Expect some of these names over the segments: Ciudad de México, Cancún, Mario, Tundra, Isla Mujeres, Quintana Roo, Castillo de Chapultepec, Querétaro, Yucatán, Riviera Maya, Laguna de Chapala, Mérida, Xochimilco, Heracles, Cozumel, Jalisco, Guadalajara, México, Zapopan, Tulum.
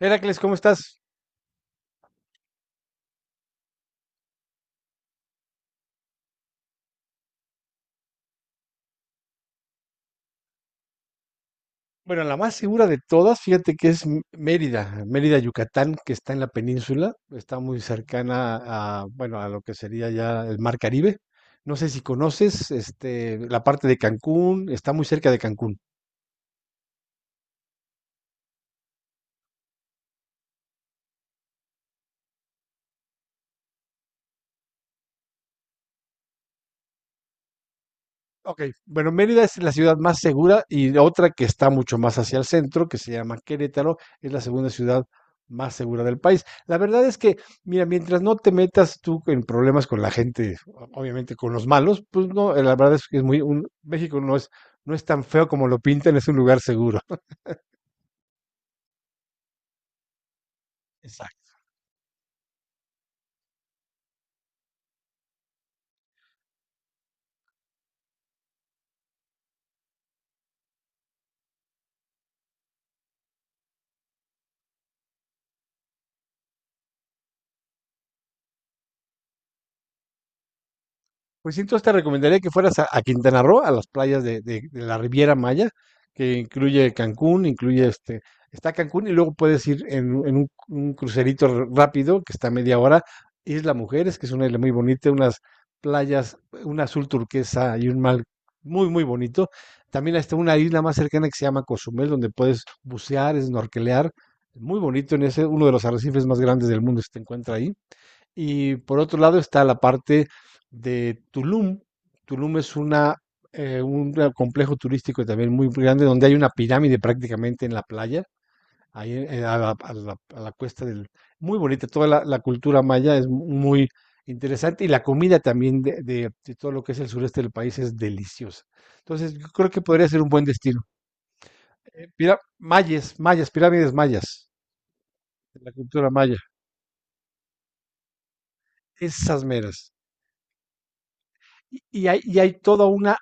Heracles, ¿cómo estás? Bueno, la más segura de todas, fíjate que es Mérida, Mérida, Yucatán, que está en la península, está muy cercana a, bueno, a lo que sería ya el Mar Caribe. No sé si conoces, este, la parte de Cancún, está muy cerca de Cancún. Ok, bueno, Mérida es la ciudad más segura y otra que está mucho más hacia el centro, que se llama Querétaro, es la segunda ciudad más segura del país. La verdad es que, mira, mientras no te metas tú en problemas con la gente, obviamente con los malos, pues no, la verdad es que es México no es, no es tan feo como lo pintan, es un lugar seguro. Exacto. Pues sí, entonces te recomendaría que fueras a Quintana Roo, a las playas de la Riviera Maya, que incluye Cancún, incluye este, está Cancún y luego puedes ir en un crucerito rápido que está a media hora, Isla Mujeres, que es una isla muy bonita, unas playas, un azul turquesa y un mar muy, muy bonito. También está una isla más cercana que se llama Cozumel, donde puedes bucear, snorkelear, muy bonito en ese, uno de los arrecifes más grandes del mundo se te encuentra ahí. Y por otro lado está la parte de Tulum. Tulum es una, un complejo turístico también muy grande donde hay una pirámide prácticamente en la playa, ahí a la, a la cuesta del... Muy bonita, toda la, la cultura maya es muy interesante y la comida también de todo lo que es el sureste del país es deliciosa. Entonces, yo creo que podría ser un buen destino. Mayas, mayas, pirámides mayas, de la cultura maya, esas meras. Y hay toda una...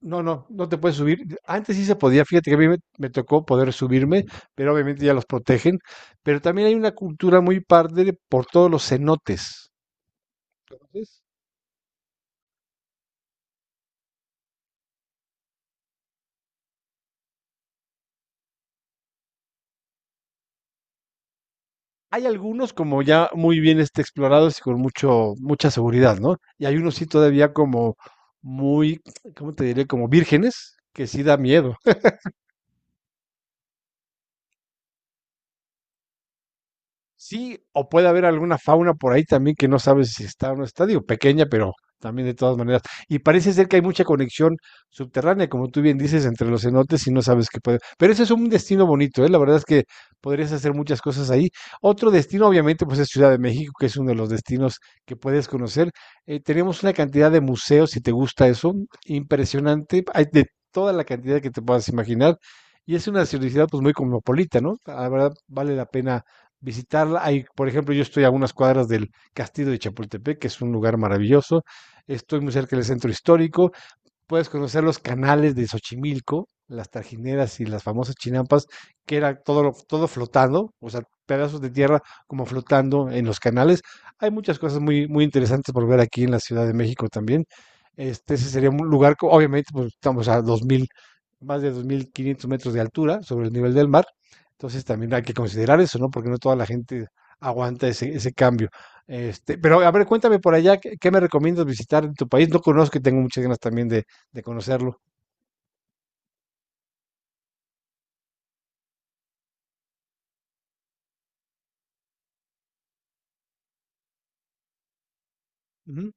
No, no, no te puedes subir. Antes sí se podía, fíjate que a mí me tocó poder subirme, pero obviamente ya los protegen. Pero también hay una cultura muy por todos los cenotes. Entonces, hay algunos como ya muy bien este, explorados y con mucha seguridad, ¿no? Y hay unos sí todavía como muy, ¿cómo te diré? Como vírgenes, que sí da miedo. Sí, o puede haber alguna fauna por ahí también que no sabes si está o no está, digo, pequeña, pero también de todas maneras. Y parece ser que hay mucha conexión subterránea, como tú bien dices, entre los cenotes y no sabes qué puede. Pero ese es un destino bonito, ¿eh? La verdad es que podrías hacer muchas cosas ahí. Otro destino, obviamente, pues es Ciudad de México, que es uno de los destinos que puedes conocer. Tenemos una cantidad de museos, si te gusta eso, impresionante. Hay de toda la cantidad que te puedas imaginar. Y es una ciudad pues muy cosmopolita, ¿no? La verdad vale la pena visitarla. Hay, por ejemplo, yo estoy a unas cuadras del Castillo de Chapultepec, que es un lugar maravilloso. Estoy muy cerca del centro histórico, puedes conocer los canales de Xochimilco, las trajineras y las famosas chinampas, que era todo flotando, o sea, pedazos de tierra como flotando en los canales. Hay muchas cosas muy, muy interesantes por ver aquí en la Ciudad de México también. Este, ese sería un lugar, obviamente, pues estamos a 2000, más de 2500 metros de altura sobre el nivel del mar. Entonces también hay que considerar eso, ¿no? Porque no toda la gente aguanta ese, ese cambio. Este, pero a ver, cuéntame por allá, ¿qué, qué me recomiendas visitar en tu país? No conozco y tengo muchas ganas también de conocerlo. Ujú.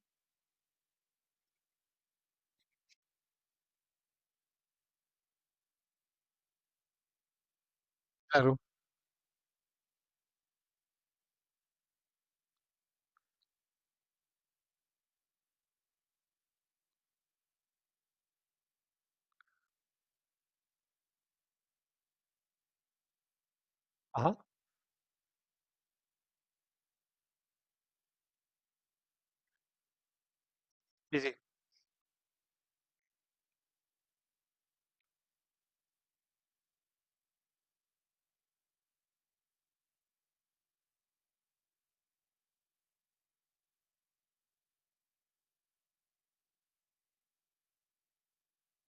Claro. Ajá. Sí, sí.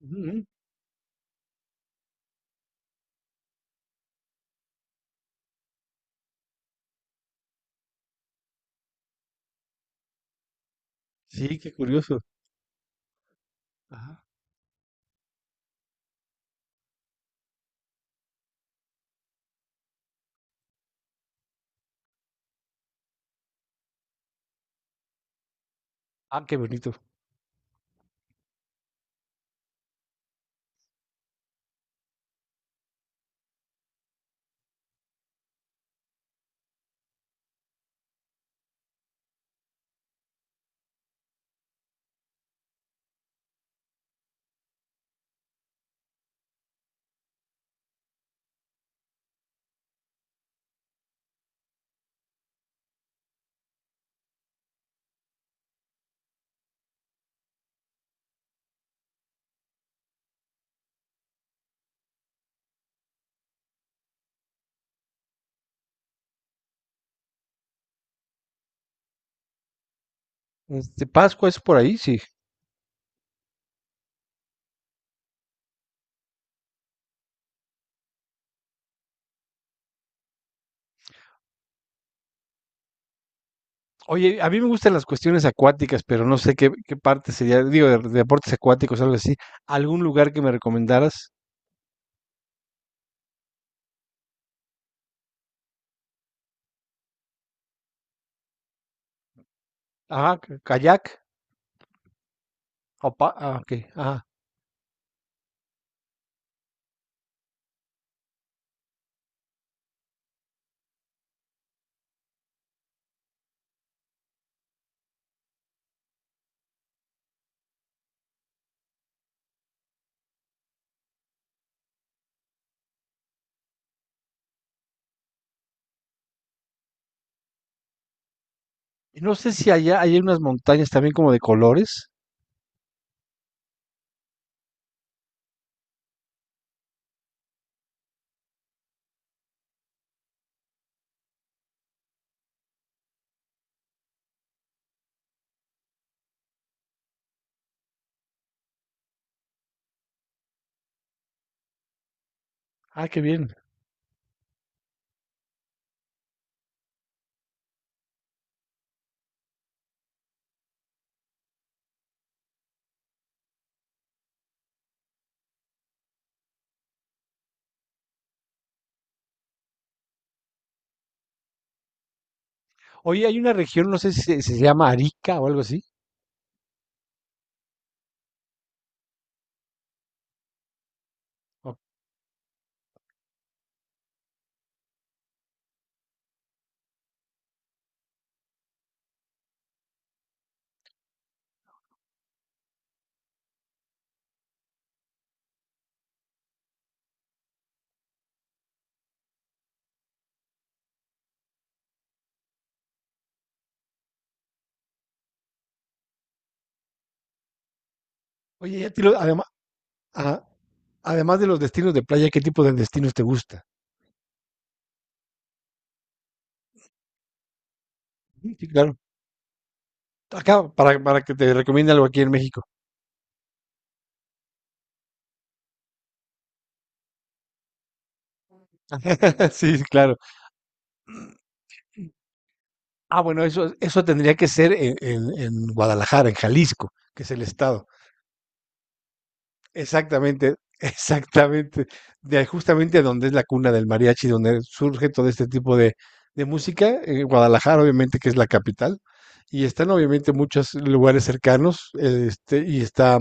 Ujú, ujú. Sí, qué curioso. Ajá. Ah, qué bonito. Este, Pascua es por ahí, sí. Oye, a mí me gustan las cuestiones acuáticas, pero no sé qué, qué parte sería, digo, de deportes acuáticos, algo así. ¿Algún lugar que me recomendaras? Kayak. Ok, ajá. Y no sé si allá hay unas montañas también como de colores. Ah, qué bien. Oye, hay una región, no sé si se, se llama Arica o algo así. O- Oye, ya te lo, además, además de los destinos de playa, ¿qué tipo de destinos te gusta? Sí, sí, claro. Acá, para que te recomiende algo aquí en México. Sí, sí, claro. Ah, bueno, eso tendría que ser en Guadalajara, en Jalisco, que es el estado. Exactamente, exactamente. De justamente donde es la cuna del mariachi, donde surge todo este tipo de música, en Guadalajara, obviamente, que es la capital, y están obviamente muchos lugares cercanos, este, y está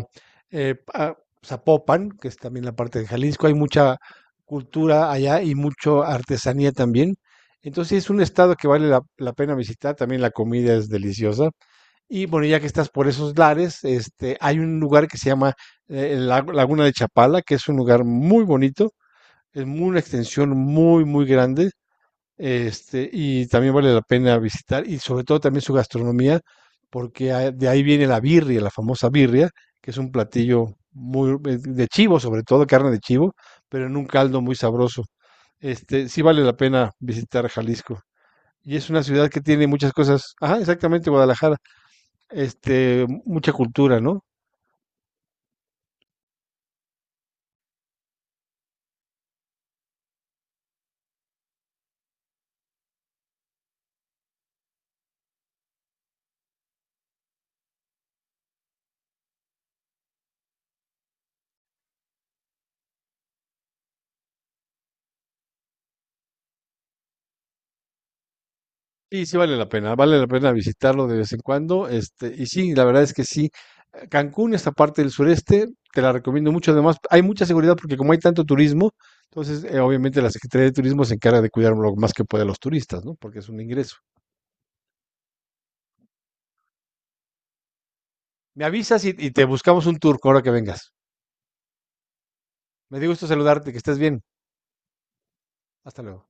eh, pa- Zapopan, que es también la parte de Jalisco, hay mucha cultura allá y mucha artesanía también. Entonces sí es un estado que vale la, la pena visitar, también la comida es deliciosa. Y bueno, ya que estás por esos lares, este, hay un lugar que se llama Laguna de Chapala, que es un lugar muy bonito, es una extensión muy, muy grande, este, y también vale la pena visitar, y sobre todo también su gastronomía, porque de ahí viene la birria, la famosa birria, que es un platillo muy de chivo, sobre todo carne de chivo, pero en un caldo muy sabroso. Este, sí vale la pena visitar Jalisco. Y es una ciudad que tiene muchas cosas. Ajá, exactamente, Guadalajara, este, mucha cultura, ¿no? Sí, sí vale la pena visitarlo de vez en cuando, este, y sí, la verdad es que sí, Cancún, esta parte del sureste, te la recomiendo mucho, además hay mucha seguridad porque como hay tanto turismo, entonces obviamente la Secretaría de Turismo se encarga de cuidar lo más que puede a los turistas, ¿no? Porque es un ingreso. Me avisas y te buscamos un tour ahora que vengas. Me dio gusto saludarte, que estés bien. Hasta luego.